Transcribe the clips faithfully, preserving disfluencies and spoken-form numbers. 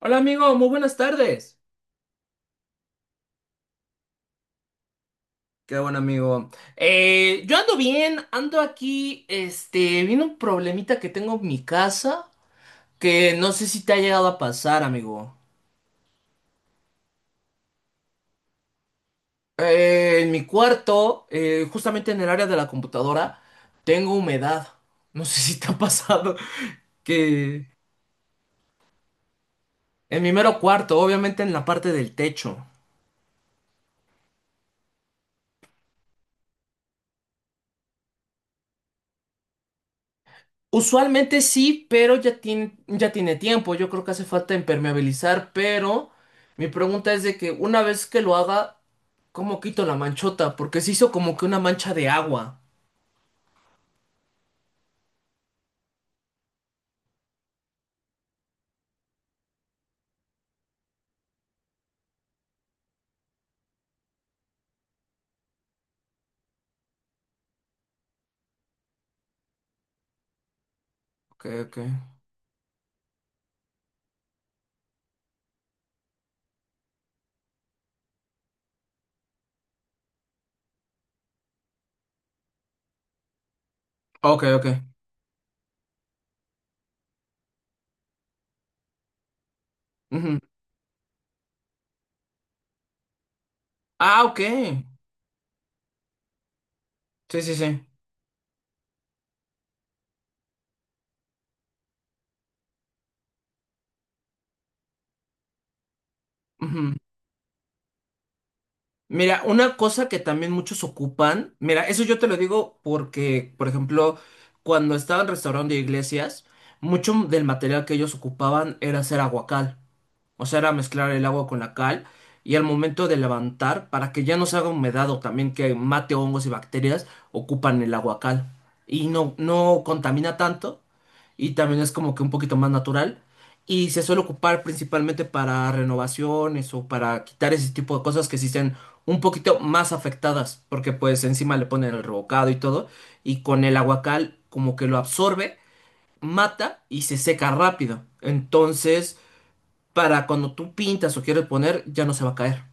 Hola amigo, muy buenas tardes. Qué bueno, amigo. Eh, yo ando bien, ando aquí, este, viene un problemita que tengo en mi casa que no sé si te ha llegado a pasar, amigo. Eh, en mi cuarto, eh, justamente en el área de la computadora, tengo humedad. No sé si te ha pasado que en mi mero cuarto, obviamente en la parte del techo. Usualmente sí, pero ya tiene, ya tiene tiempo. Yo creo que hace falta impermeabilizar, pero mi pregunta es de que una vez que lo haga, ¿cómo quito la manchota? Porque se hizo como que una mancha de agua. Ok, ok. Ok, ok. Ujú. Ah, ok. Sí, sí, sí. Ujú. Mira, una cosa que también muchos ocupan, mira, eso yo te lo digo porque, por ejemplo, cuando estaban restaurando iglesias, mucho del material que ellos ocupaban era hacer aguacal. O sea, era mezclar el agua con la cal y al momento de levantar, para que ya no se haga humedad o también que mate hongos y bacterias, ocupan el agua cal. Y no, no contamina tanto y también es como que un poquito más natural. Y se suele ocupar principalmente para renovaciones o para quitar ese tipo de cosas que sí estén un poquito más afectadas, porque pues encima le ponen el revocado y todo, y con el aguacal como que lo absorbe, mata y se seca rápido. Entonces para cuando tú pintas o quieres poner, ya no se va a caer.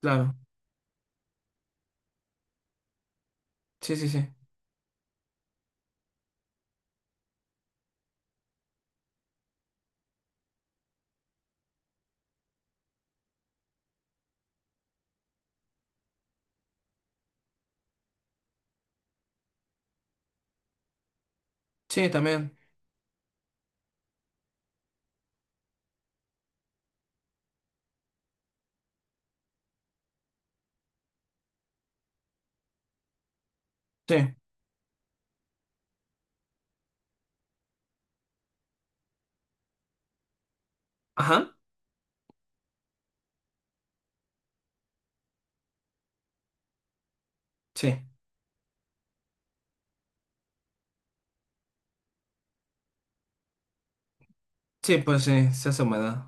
Claro. Sí, sí, sí. Sí, también. Sí. Ajá. Sí. Sí, pues sí, se hace humedad.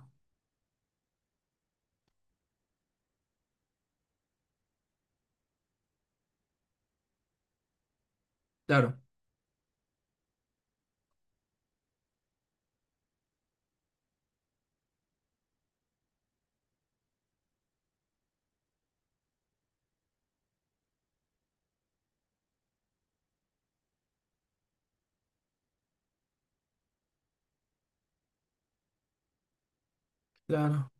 Claro, claro.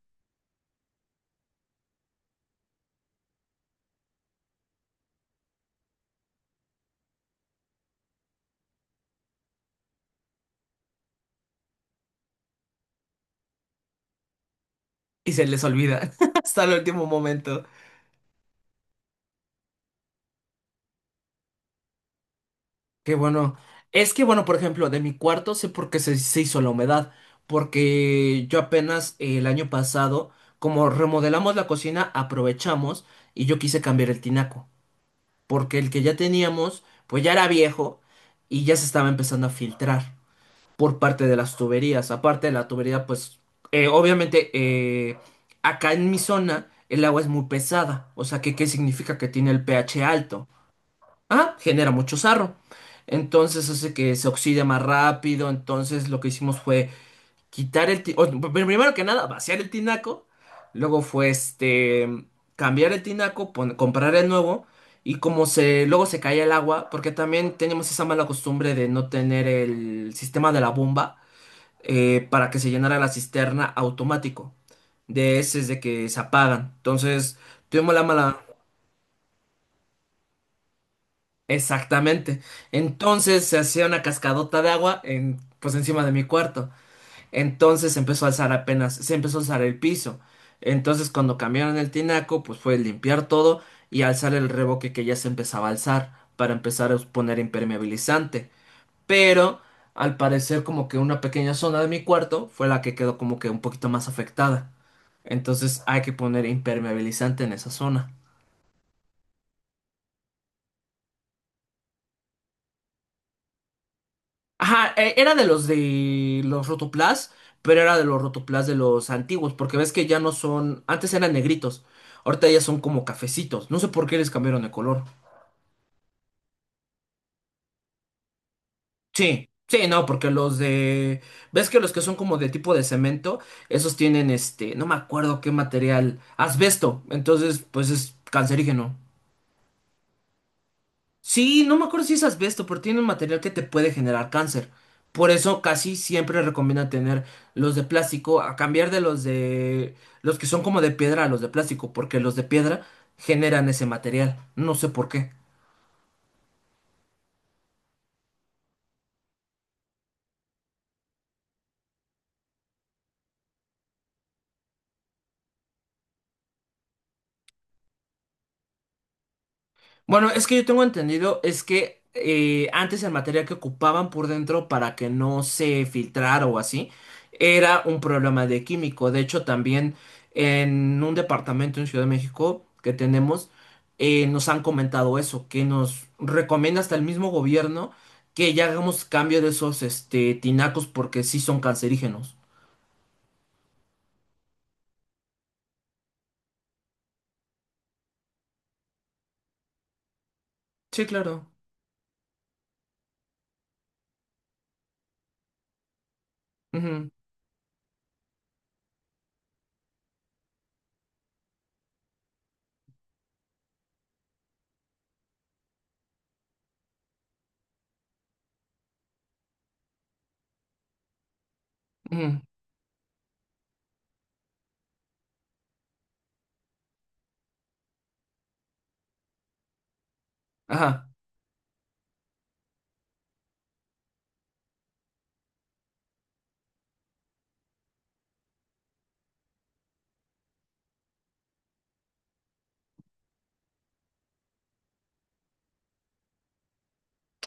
Y se les olvida hasta el último momento. Qué bueno. Es que, bueno, por ejemplo, de mi cuarto sé por qué se, se hizo la humedad. Porque yo apenas eh, el año pasado, como remodelamos la cocina, aprovechamos y yo quise cambiar el tinaco. Porque el que ya teníamos, pues ya era viejo y ya se estaba empezando a filtrar por parte de las tuberías. Aparte de la tubería, pues eh, obviamente eh, acá en mi zona el agua es muy pesada. O sea, que, ¿qué significa que tiene el pH alto? Ah, genera mucho sarro. Entonces hace que se oxide más rápido. Entonces lo que hicimos fue quitar el... ti- o, pr- primero que nada, vaciar el tinaco. Luego fue este... cambiar el tinaco, pon- comprar el nuevo. Y como se, luego se caía el agua, porque también teníamos esa mala costumbre de no tener el sistema de la bomba eh, para que se llenara la cisterna automático. De ese de que se apagan. Entonces, tuvimos la mala. Exactamente. Entonces se hacía una cascadota de agua en, pues encima de mi cuarto. Entonces se empezó a alzar apenas, se empezó a alzar el piso. Entonces cuando cambiaron el tinaco, pues fue limpiar todo y alzar el revoque que ya se empezaba a alzar para empezar a poner impermeabilizante. Pero al parecer como que una pequeña zona de mi cuarto fue la que quedó como que un poquito más afectada. Entonces hay que poner impermeabilizante en esa zona. Ajá, e- era de los de los Rotoplas, pero era de los Rotoplas de los antiguos, porque ves que ya no son, antes eran negritos, ahorita ya son como cafecitos. No sé por qué les cambiaron de color. Sí, sí, no, porque los de... ¿Ves que los que son como de tipo de cemento, esos tienen este, no me acuerdo qué material, asbesto, entonces pues es cancerígeno? Sí, no me acuerdo si es asbesto, pero tiene un material que te puede generar cáncer. Por eso casi siempre recomienda tener los de plástico, a cambiar de los de... los que son como de piedra a los de plástico, porque los de piedra generan ese material. No sé por qué. Bueno, es que yo tengo entendido, es que eh, antes el material que ocupaban por dentro para que no se filtrara o así, era un problema de químico. De hecho, también en un departamento en Ciudad de México que tenemos, eh, nos han comentado eso, que nos recomienda hasta el mismo gobierno que ya hagamos cambio de esos este, tinacos porque sí son cancerígenos. Sí, claro. Ujú, ujú. Ajá.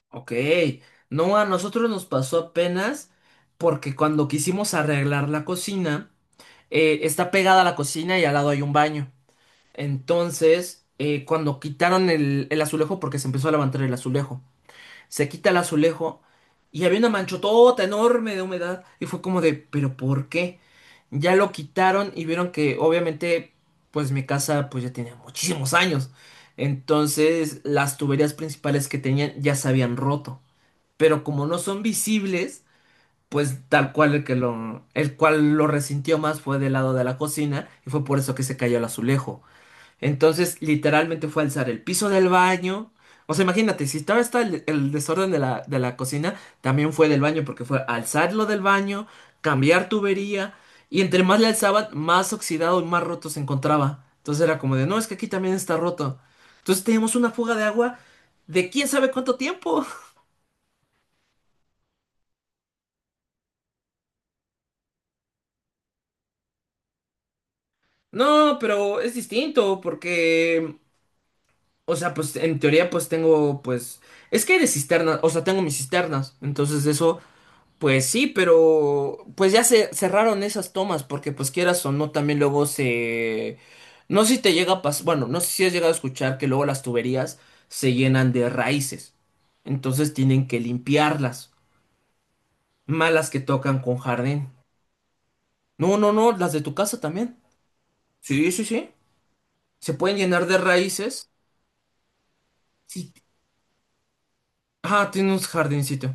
Ok, no, a nosotros nos pasó apenas porque cuando quisimos arreglar la cocina, eh, está pegada a la cocina y al lado hay un baño. Entonces, eh, cuando quitaron el, el azulejo, porque se empezó a levantar el azulejo, se quita el azulejo y había una manchotota enorme de humedad y fue como de, ¿pero por qué? Ya lo quitaron y vieron que, obviamente, pues mi casa pues ya tenía muchísimos años. Entonces, las tuberías principales que tenían ya se habían roto, pero como no son visibles, pues tal cual el que lo, el cual lo resintió más fue del lado de la cocina y fue por eso que se cayó el azulejo. Entonces, literalmente fue alzar el piso del baño. O sea, imagínate, si estaba está el, el desorden de la, de la cocina, también fue del baño, porque fue alzarlo del baño, cambiar tubería, y entre más le alzaban, más oxidado y más roto se encontraba. Entonces era como de, no, es que aquí también está roto. Entonces teníamos una fuga de agua de quién sabe cuánto tiempo. No, pero es distinto porque, o sea, pues en teoría pues tengo, pues, es que hay de cisternas, o sea, tengo mis cisternas, entonces eso, pues sí, pero pues ya se cerraron esas tomas porque pues quieras o no, también luego se... No sé si te llega a pasar, bueno, no sé si has llegado a escuchar que luego las tuberías se llenan de raíces, entonces tienen que limpiarlas, malas que tocan con jardín. No, no, no, las de tu casa también. Sí, sí, sí. Se pueden llenar de raíces. Sí, ah, tiene un jardincito.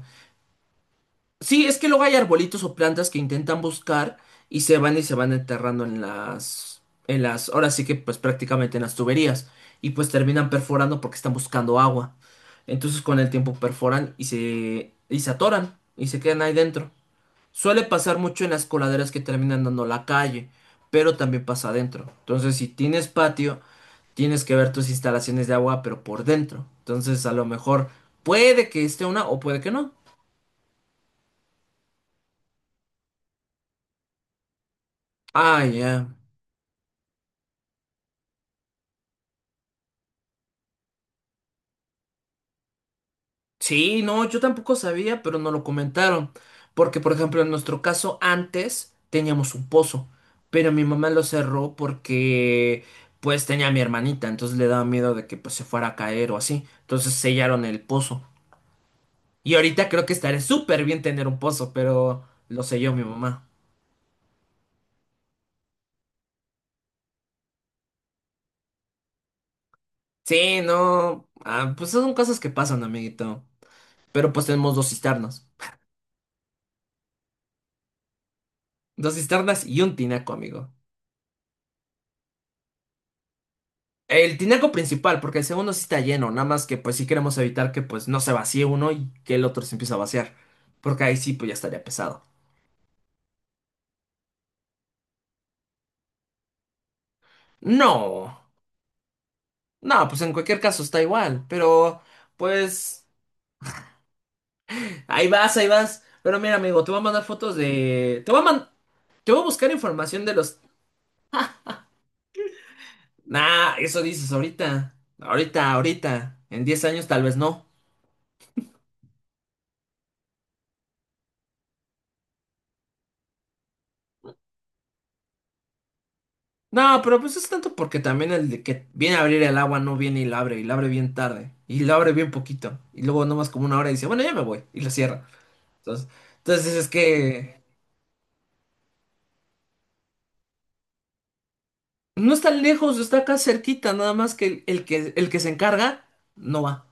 Sí, es que luego hay arbolitos o plantas que intentan buscar y se van y se van enterrando en las, en las, ahora sí que pues prácticamente en las tuberías y pues terminan perforando porque están buscando agua. Entonces con el tiempo perforan y se, y se atoran y se quedan ahí dentro. Suele pasar mucho en las coladeras que terminan dando a la calle, pero también pasa adentro. Entonces si tienes patio, tienes que ver tus instalaciones de agua, pero por dentro. Entonces a lo mejor puede que esté una o puede que no. Ah, ya. Sí, no, yo tampoco sabía, pero no lo comentaron. Porque, por ejemplo, en nuestro caso, antes teníamos un pozo, pero mi mamá lo cerró porque, pues, tenía a mi hermanita, entonces le daba miedo de que, pues, se fuera a caer o así. Entonces sellaron el pozo. Y ahorita creo que estaré súper bien tener un pozo, pero lo selló mi mamá. Sí, no. Ah, pues son cosas que pasan, amiguito. Pero pues tenemos dos cisternas. Dos cisternas y un tinaco, amigo. El tinaco principal, porque el segundo sí está lleno, nada más que pues sí queremos evitar que pues no se vacíe uno y que el otro se empiece a vaciar, porque ahí sí pues ya estaría pesado. No, no, pues en cualquier caso está igual, pero pues ahí vas, ahí vas. Pero mira, amigo, te voy a mandar fotos de... Te voy a man- te voy a buscar información de los... Nah, eso dices ahorita, ahorita, ahorita, en diez años tal vez no. No, pero pues es tanto porque también el de que viene a abrir el agua no viene y la abre, y la abre bien tarde, y la abre bien poquito, y luego nomás como una hora y dice, bueno, ya me voy, y la cierra. Entonces, entonces es que no está lejos, está acá cerquita, nada más que el, el que el que se encarga no va.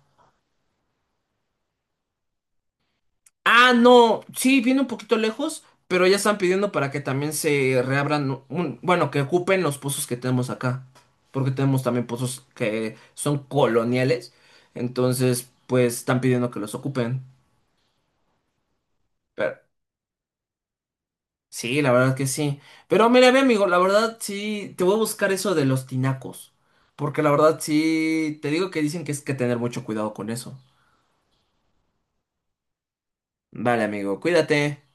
Ah, no, sí, viene un poquito lejos, pero ya están pidiendo para que también se reabran, un- bueno, que ocupen los pozos que tenemos acá, porque tenemos también pozos que son coloniales, entonces pues están pidiendo que los ocupen. Pero, sí, la verdad que sí. Pero mira, mi amigo, la verdad sí, te voy a buscar eso de los tinacos. Porque la verdad sí, te digo que dicen que es que tener mucho cuidado con eso. Vale, amigo, cuídate.